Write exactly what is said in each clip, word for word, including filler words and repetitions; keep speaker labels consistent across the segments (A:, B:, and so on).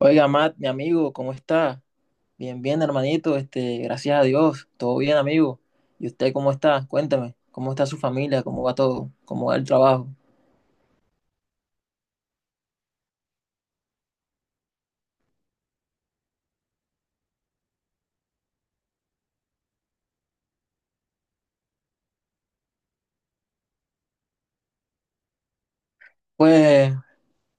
A: Oiga, Matt, mi amigo, ¿cómo está? Bien, bien, hermanito, este, gracias a Dios, todo bien, amigo. ¿Y usted cómo está? Cuéntame, ¿cómo está su familia? ¿Cómo va todo? ¿Cómo va el trabajo? Pues,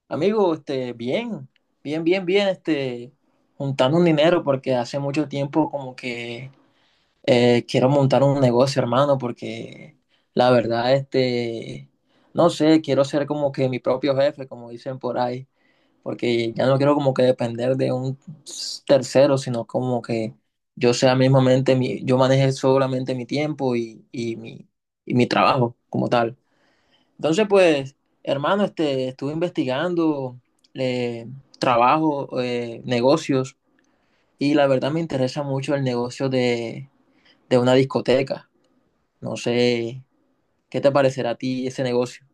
A: amigo, este, bien, bien, bien, bien, este, juntando un dinero porque hace mucho tiempo como que eh, quiero montar un negocio, hermano, porque la verdad, este, no sé, quiero ser como que mi propio jefe, como dicen por ahí. Porque ya no quiero como que depender de un tercero, sino como que yo sea mismamente, mi, yo maneje solamente mi tiempo y, y mi, y mi trabajo como tal. Entonces, pues, hermano, este, estuve investigando eh, trabajo, eh, negocios, y la verdad me interesa mucho el negocio de, de una discoteca. No sé, ¿qué te parecerá a ti ese negocio?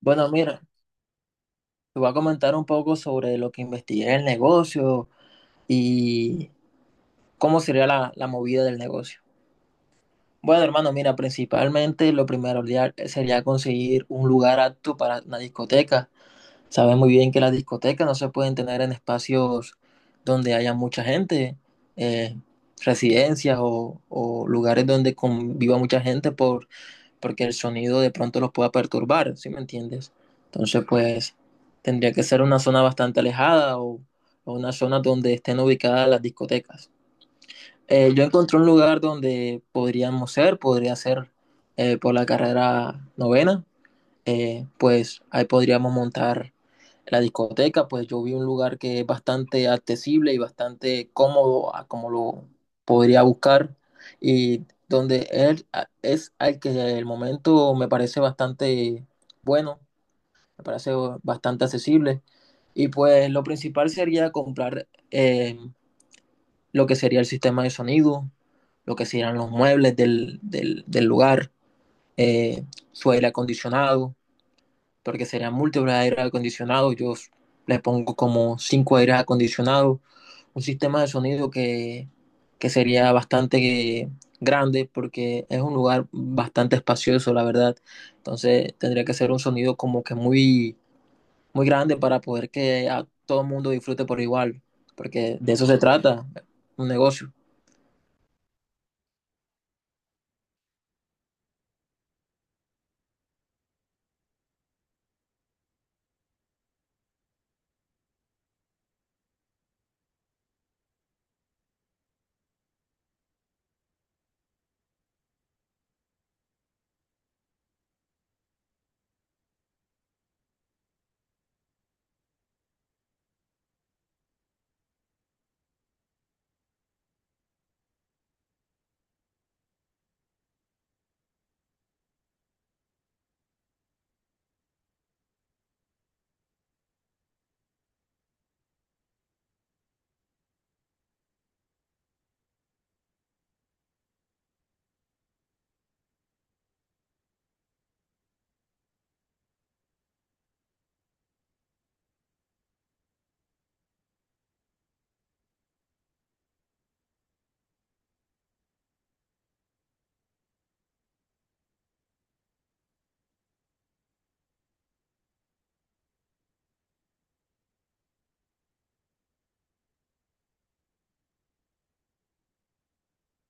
A: Bueno, mira, te voy a comentar un poco sobre lo que investigué en el negocio y cómo sería la, la movida del negocio. Bueno, hermano, mira, principalmente lo primero sería conseguir un lugar apto para una discoteca. Sabes muy bien que las discotecas no se pueden tener en espacios donde haya mucha gente, eh, residencias o, o lugares donde conviva mucha gente por, porque el sonido de pronto los pueda perturbar. ¿Sí me entiendes? Entonces, pues tendría que ser una zona bastante alejada o, o una zona donde estén ubicadas las discotecas. Eh, yo encontré un lugar donde podríamos ser, podría ser eh, por la carrera novena. eh, pues ahí podríamos montar la discoteca, pues yo vi un lugar que es bastante accesible y bastante cómodo a como lo podría buscar y donde él a- es al que el momento me parece bastante bueno, me parece bastante accesible y pues lo principal sería comprar eh, lo que sería el sistema de sonido, lo que serían los muebles del, del, del lugar, eh, su aire acondicionado, porque serían múltiples aires acondicionados. Yo le pongo como cinco aires acondicionados, un sistema de sonido que, que sería bastante grande porque es un lugar bastante espacioso, la verdad. Entonces tendría que ser un sonido como que muy, muy grande para poder que a todo el mundo disfrute por igual, porque de eso se trata, un negocio.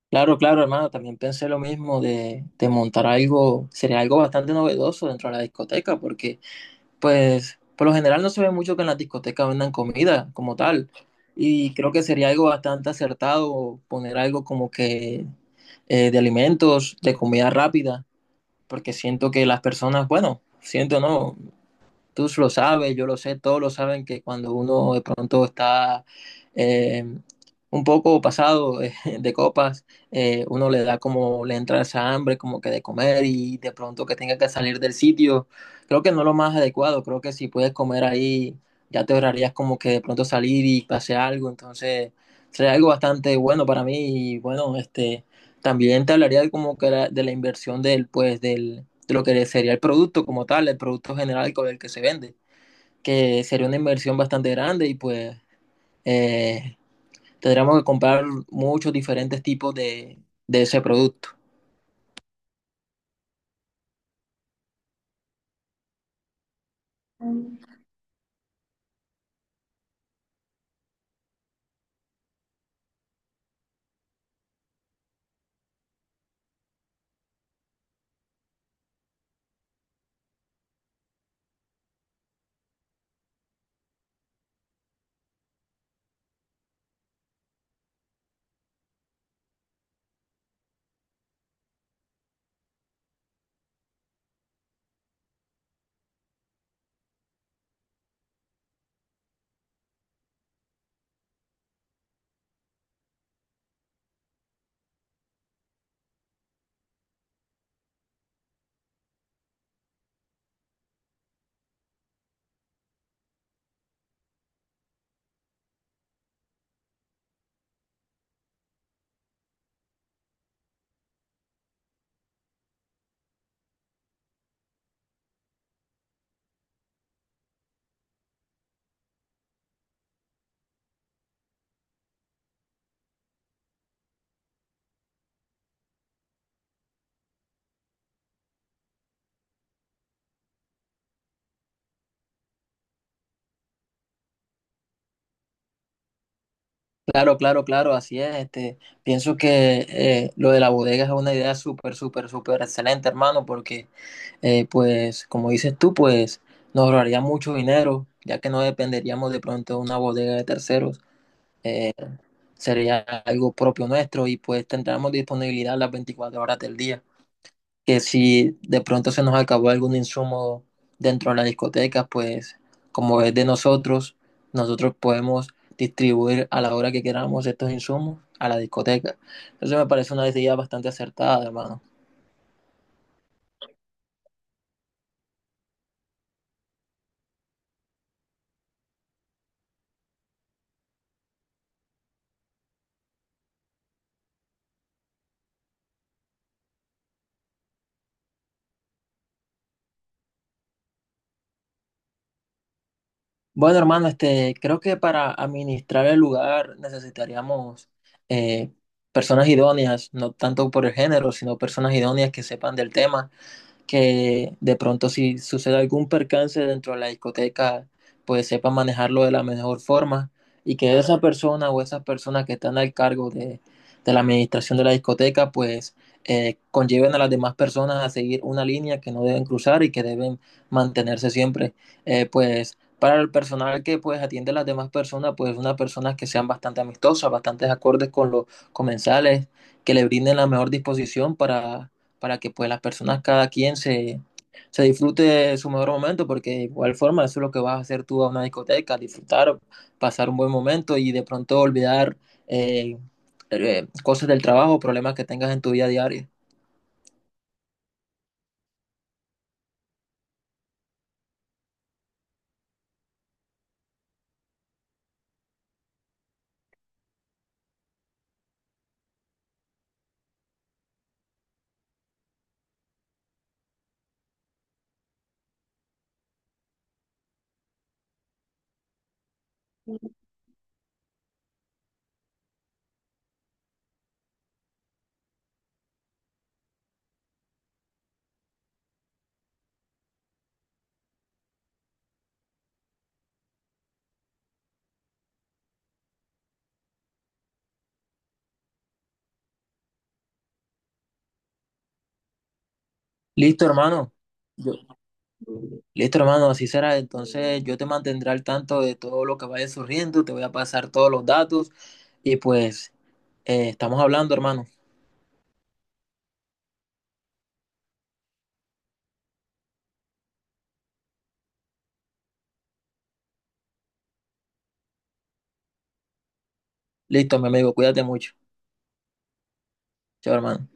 A: Claro, claro, hermano, también pensé lo mismo de, de montar algo, sería algo bastante novedoso dentro de la discoteca, porque pues por lo general no se ve mucho que en las discotecas vendan comida como tal, y creo que sería algo bastante acertado poner algo como que eh, de alimentos, de comida rápida, porque siento que las personas, bueno, siento no, tú lo sabes, yo lo sé, todos lo saben que cuando uno de pronto está eh, un poco pasado eh, de copas, eh, uno le da como, le entra esa hambre como que de comer y de pronto que tenga que salir del sitio. Creo que no es lo más adecuado, creo que si puedes comer ahí, ya te ahorrarías como que de pronto salir y pase algo, entonces sería algo bastante bueno para mí y bueno, este, también te hablaría como que la- de la inversión del, pues, del de lo que sería el producto como tal, el producto general con el que se vende, que sería una inversión bastante grande y pues eh, tendríamos que comprar muchos diferentes tipos de, de ese producto. Claro, claro, claro, así es. Este, pienso que eh, lo de la bodega es una idea súper, súper, súper excelente, hermano, porque, eh, pues, como dices tú, pues nos ahorraría mucho dinero, ya que no dependeríamos de pronto de una bodega de terceros. Sería algo propio nuestro y pues tendremos disponibilidad las veinticuatro horas del día. Que si de pronto se nos acabó algún insumo dentro de la discoteca, pues como es de nosotros, nosotros podemos distribuir a la hora que queramos estos insumos a la discoteca. Entonces me parece una idea bastante acertada, hermano. Bueno, hermano, este, creo que para administrar el lugar necesitaríamos eh, personas idóneas, no tanto por el género, sino personas idóneas que sepan del tema, que de pronto si sucede algún percance dentro de la discoteca, pues sepa manejarlo de la mejor forma, y que esa persona o esas personas que están al cargo de, de la administración de la discoteca, pues eh, conlleven a las demás personas a seguir una línea que no deben cruzar y que deben mantenerse siempre. eh, pues para el personal que pues atiende a las demás personas, pues unas personas que sean bastante amistosas, bastante acordes con los comensales, que le brinden la mejor disposición para para que pues las personas, cada quien se, se disfrute de su mejor momento, porque de igual forma eso es lo que vas a hacer tú a una discoteca, disfrutar, pasar un buen momento y de pronto olvidar eh, eh, cosas del trabajo, problemas que tengas en tu vida diaria. Listo, hermano. Yo, listo, hermano, así será. Entonces yo te mantendré al tanto de todo lo que vaya surgiendo, te voy a pasar todos los datos y pues eh, estamos hablando, hermano. Listo, mi amigo, cuídate mucho. Chao, hermano.